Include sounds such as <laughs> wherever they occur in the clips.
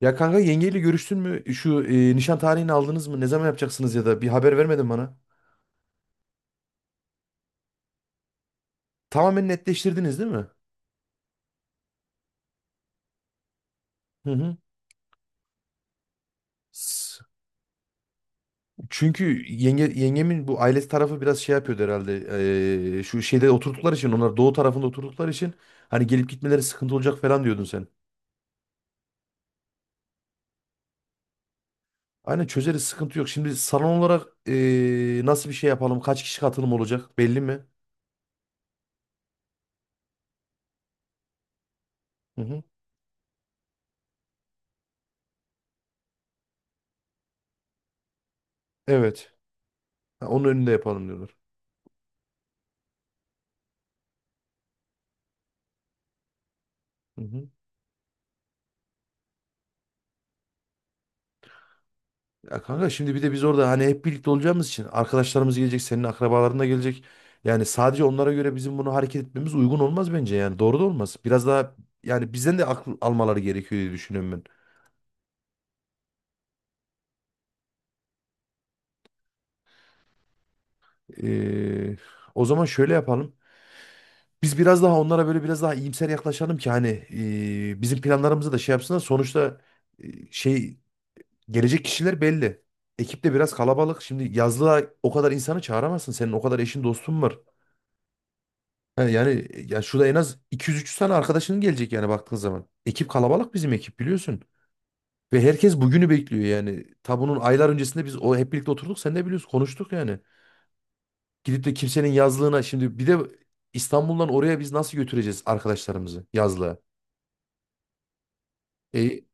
Ya kanka yengeyle görüştün mü? Şu nişan tarihini aldınız mı? Ne zaman yapacaksınız ya da bir haber vermedin bana. Tamamen netleştirdiniz değil mi? Hı hı. S- Çünkü yenge, yengemin bu ailesi tarafı biraz şey yapıyordu herhalde. Şu şeyde oturdukları için, onlar doğu tarafında oturdukları için hani gelip gitmeleri sıkıntı olacak falan diyordun sen. Aynen, çözeriz, sıkıntı yok. Şimdi salon olarak nasıl bir şey yapalım? Kaç kişi katılım olacak? Belli mi? Hı hı. Evet. Ha, onun önünde yapalım diyorlar. Hı hı. Ya kanka, şimdi bir de biz orada hani hep birlikte olacağımız için arkadaşlarımız gelecek, senin akrabaların da gelecek. Yani sadece onlara göre bizim bunu hareket etmemiz uygun olmaz bence yani. Doğru da olmaz. Biraz daha yani bizden de akıl almaları gerekiyor diye düşünüyorum ben. Ee, O zaman şöyle yapalım. Biz biraz daha onlara böyle biraz daha iyimser yaklaşalım ki hani bizim planlarımızı da şey yapsınlar. Sonuçta şey gelecek kişiler belli. Ekip de biraz kalabalık. Şimdi yazlığa o kadar insanı çağıramazsın. Senin o kadar eşin dostun var. Ha, yani ya şurada en az 200-300 tane arkadaşının gelecek yani baktığın zaman. Ekip kalabalık, bizim ekip biliyorsun. Ve herkes bugünü bekliyor yani. Ta bunun aylar öncesinde biz o hep birlikte oturduk, sen de biliyorsun, konuştuk yani. Gidip de kimsenin yazlığına şimdi, bir de İstanbul'dan oraya biz nasıl götüreceğiz arkadaşlarımızı yazlığa? E,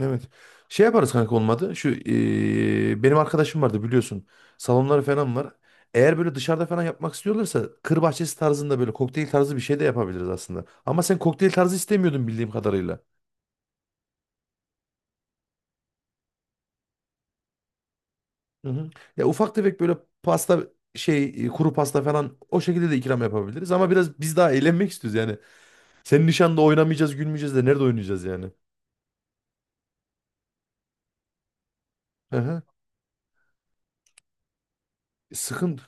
Evet. Şey yaparız kanka olmadı. Şu benim arkadaşım vardı biliyorsun. Salonları falan var. Eğer böyle dışarıda falan yapmak istiyorlarsa kır bahçesi tarzında böyle kokteyl tarzı bir şey de yapabiliriz aslında. Ama sen kokteyl tarzı istemiyordun bildiğim kadarıyla. Hı hı. Ya ufak tefek böyle pasta, şey, kuru pasta falan o şekilde de ikram yapabiliriz. Ama biraz biz daha eğlenmek istiyoruz yani. Senin nişanda oynamayacağız, gülmeyeceğiz de nerede oynayacağız yani? Hı hı. Sıkıntı.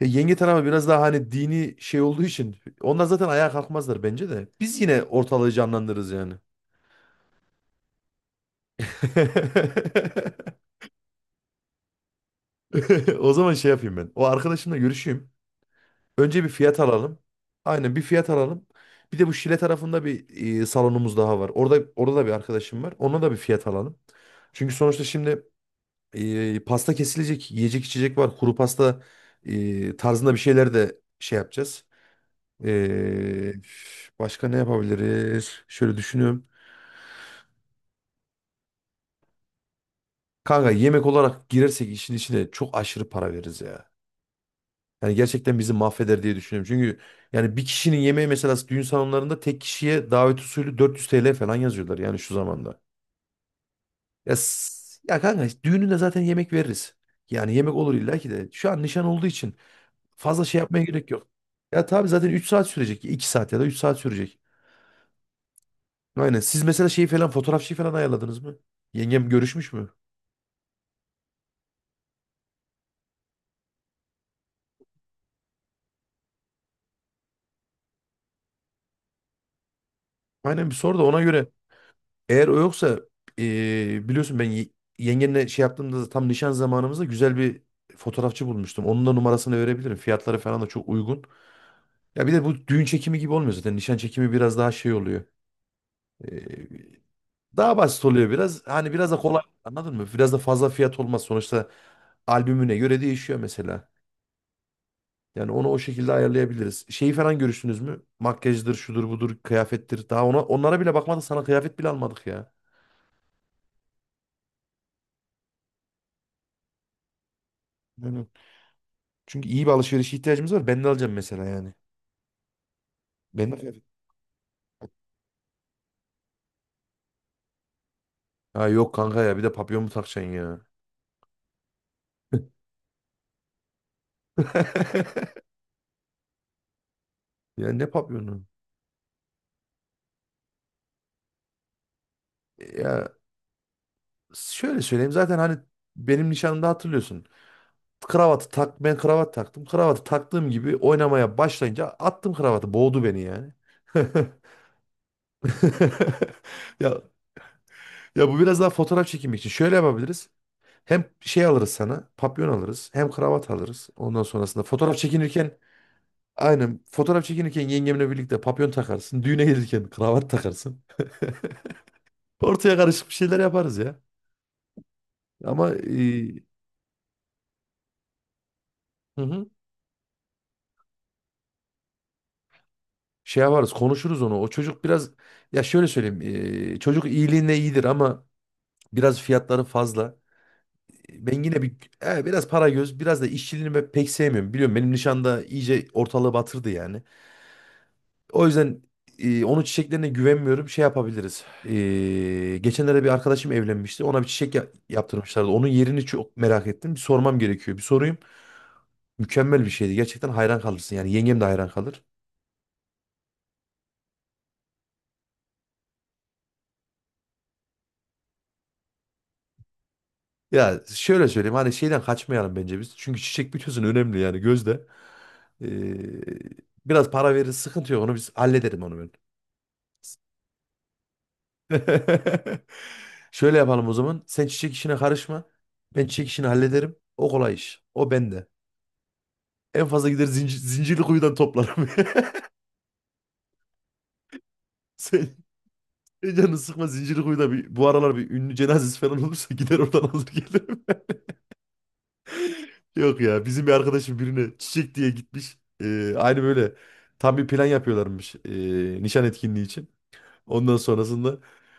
Ya yenge tarafı biraz daha hani dini şey olduğu için onlar zaten ayağa kalkmazlar bence de. Biz yine ortalığı canlandırırız yani. <laughs> O zaman şey yapayım ben. O arkadaşımla görüşeyim. Önce bir fiyat alalım. Aynen, bir fiyat alalım. Bir de bu Şile tarafında bir salonumuz daha var. Orada da bir arkadaşım var. Ona da bir fiyat alalım. Çünkü sonuçta şimdi pasta kesilecek, yiyecek içecek var. Kuru pasta tarzında bir şeyler de şey yapacağız. Ee, Başka ne yapabiliriz? Şöyle düşünüyorum. Kanka, yemek olarak girersek işin içine çok aşırı para veririz ya. Yani gerçekten bizi mahveder diye düşünüyorum. Çünkü yani bir kişinin yemeği mesela düğün salonlarında tek kişiye davet usulü 400 TL falan yazıyorlar yani şu zamanda. Ya, ya kanka düğününde zaten yemek veririz. Yani yemek olur illa ki de. Şu an nişan olduğu için fazla şey yapmaya gerek yok. Ya tabii zaten 3 saat sürecek. İki saat ya da 3 saat sürecek. Aynen. Siz mesela şeyi falan, fotoğrafçıyı falan ayarladınız mı? Yengem görüşmüş mü? Aynen, bir sor, da ona göre eğer o yoksa, biliyorsun ben yengenle şey yaptığımda tam nişan zamanımızda güzel bir fotoğrafçı bulmuştum. Onun da numarasını verebilirim. Fiyatları falan da çok uygun. Ya bir de bu düğün çekimi gibi olmuyor zaten. Nişan çekimi biraz daha şey oluyor. Eee, Daha basit oluyor biraz. Hani biraz da kolay, anladın mı? Biraz da fazla fiyat olmaz. Sonuçta albümüne göre değişiyor mesela. Yani onu o şekilde ayarlayabiliriz. Şeyi falan görüştünüz mü? Makyajdır, şudur budur, kıyafettir. Daha ona, onlara bile bakmadık. Sana kıyafet bile almadık ya. Aynen. Çünkü iyi bir alışveriş ihtiyacımız var. Ben de alacağım mesela yani. Ben, evet. Ha yok kanka ya, bir de papyon mu takacaksın ya? <laughs> Ya ne papyonu? Ya şöyle söyleyeyim, zaten hani benim nişanımda hatırlıyorsun. Kravatı tak, ben kravat taktım. Kravatı taktığım gibi oynamaya başlayınca attım kravatı. Boğdu beni yani. <laughs> Ya, bu biraz daha fotoğraf çekimi için. Şöyle yapabiliriz. Hem şey alırız sana, papyon alırız, hem kravat alırız. Ondan sonrasında fotoğraf çekinirken, aynen. Fotoğraf çekinirken yengemle birlikte papyon takarsın. Düğüne gelirken kravat takarsın. <laughs> Ortaya karışık bir şeyler yaparız ya. Ama hı hı, şey yaparız, konuşuruz onu. O çocuk biraz, ya şöyle söyleyeyim. Çocuk iyiliğine iyidir ama biraz fiyatları fazla. Ben yine bir biraz para göz, biraz da işçiliğini ben pek sevmiyorum. Biliyorum, benim nişanda iyice ortalığı batırdı yani. O yüzden onun çiçeklerine güvenmiyorum. Şey yapabiliriz. Geçenlerde bir arkadaşım evlenmişti. Ona bir çiçek yaptırmışlardı. Onun yerini çok merak ettim. Bir sormam gerekiyor. Bir sorayım. Mükemmel bir şeydi. Gerçekten hayran kalırsın. Yani yengem de hayran kalır. Ya şöyle söyleyeyim. Hani şeyden kaçmayalım bence biz. Çünkü çiçek bütüsün önemli yani gözde. E, Biraz para veririz. Sıkıntı yok. Onu biz hallederim, onu ben. <laughs> Şöyle yapalım o zaman. Sen çiçek işine karışma. Ben çiçek işini hallederim. O kolay iş. O bende. En fazla gider zincir, zincirli kuyudan toplarım. <laughs> Sen canını sıkma, zincirli kuyuda bir, bu aralar bir ünlü cenazesi falan olursa gider oradan alır gelirim. <laughs> Yok ya, bizim bir arkadaşım birine çiçek diye gitmiş. Aynı böyle tam bir plan yapıyorlarmış, nişan etkinliği için. Ondan sonrasında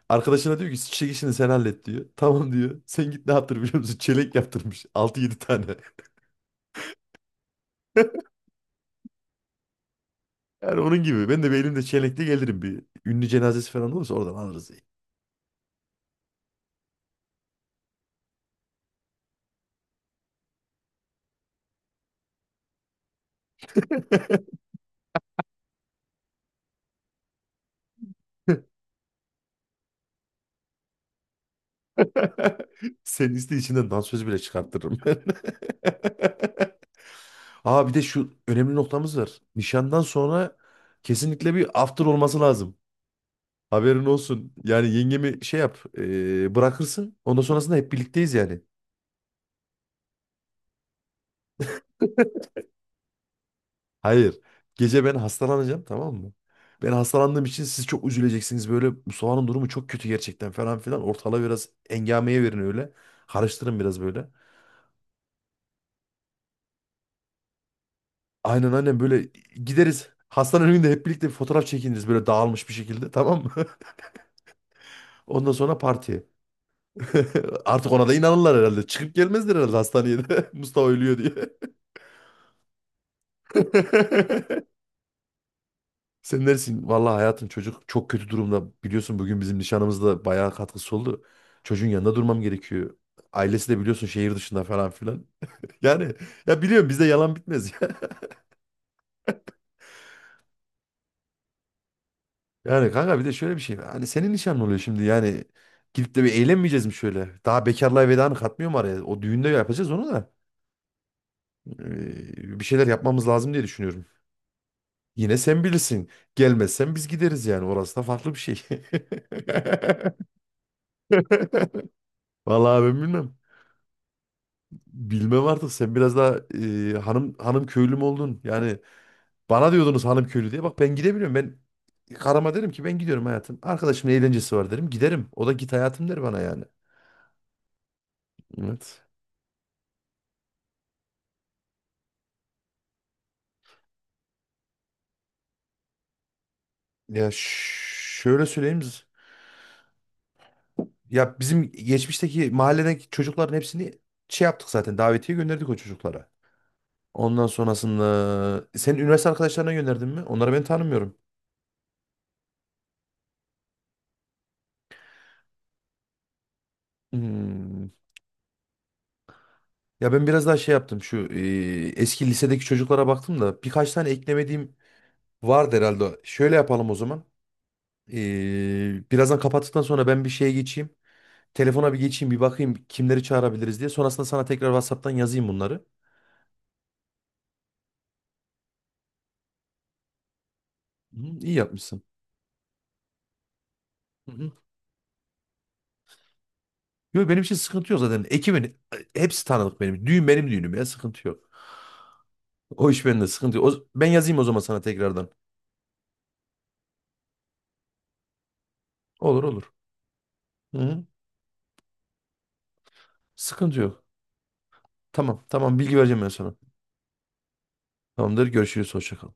arkadaşına diyor ki, çiçek işini sen hallet diyor. <laughs> Tamam diyor. Sen git ne yaptır biliyor musun? <laughs> Çelenk yaptırmış, altı yedi tane. <laughs> Yani onun gibi ben de bir elimde çelenkle gelirim bir. Ünlü cenazesi falan olursa oradan alırız. <laughs> <laughs> Senin liste içinden dansöz bile çıkarttırırım ben. <laughs> Aa, bir de şu önemli noktamız var. Nişandan sonra kesinlikle bir after olması lazım. Haberin olsun. Yani yengemi şey yap, bırakırsın. Ondan sonrasında hep birlikteyiz yani. Hayır. Gece ben hastalanacağım tamam mı? Ben hastalandığım için siz çok üzüleceksiniz. Böyle Mustafa'nın durumu çok kötü gerçekten falan filan. Ortalığı biraz engameye verin öyle. Karıştırın biraz böyle. Aynen aynen, böyle gideriz. Hastanın önünde hep birlikte bir fotoğraf çekiniriz böyle dağılmış bir şekilde, tamam mı? <laughs> Ondan sonra partiye. <laughs> Artık ona da inanırlar herhalde. Çıkıp gelmezler herhalde hastaneye de. <laughs> Mustafa ölüyor diye. <laughs> Sen dersin, vallahi hayatım çocuk çok kötü durumda. Biliyorsun bugün bizim nişanımızda bayağı katkısı oldu. Çocuğun yanında durmam gerekiyor. Ailesi de biliyorsun şehir dışında, falan filan. <laughs> Yani, ya biliyorum bizde yalan bitmez. <laughs> Yani kanka bir de şöyle bir şey var. Hani senin nişanlı oluyor şimdi yani. Gidip de bir eğlenmeyeceğiz mi şöyle? Daha bekarlığa veda mı katmıyor mu araya? O düğünde yapacağız onu da. Bir şeyler yapmamız lazım diye düşünüyorum. Yine sen bilirsin. Gelmezsen biz gideriz yani. Orası da farklı bir şey. <laughs> Vallahi ben bilmem. Bilmem artık, sen biraz daha hanım hanım köylü mü oldun? Yani bana diyordunuz hanım köylü diye. Bak ben gidemiyorum. Ben karıma derim ki, ben gidiyorum hayatım. Arkadaşımın eğlencesi var derim. Giderim. O da git hayatım der bana yani. Evet. Ya, şöyle söyleyeyim. Ya bizim geçmişteki mahalledeki çocukların hepsini şey yaptık zaten. Davetiye gönderdik o çocuklara. Ondan sonrasında senin üniversite arkadaşlarına gönderdin mi? Onları ben tanımıyorum. Hmm. Ya ben biraz daha şey yaptım. Şu eski lisedeki çocuklara baktım da birkaç tane eklemediğim vardı herhalde. Şöyle yapalım o zaman. Birazdan kapattıktan sonra ben bir şeye geçeyim. Telefona bir geçeyim, bir bakayım kimleri çağırabiliriz diye. Sonrasında sana tekrar WhatsApp'tan yazayım bunları. Hı, iyi yapmışsın. Hı hı. Yok benim için sıkıntı yok zaten. Ekibin hepsi tanıdık benim. Düğün benim düğünüm ya, sıkıntı yok. O iş bende, sıkıntı yok. Ben yazayım o zaman sana tekrardan. Olur olur. Hı hı. Sıkıntı yok. Tamam tamam, bilgi vereceğim ben sana. Tamamdır, görüşürüz, hoşça kal.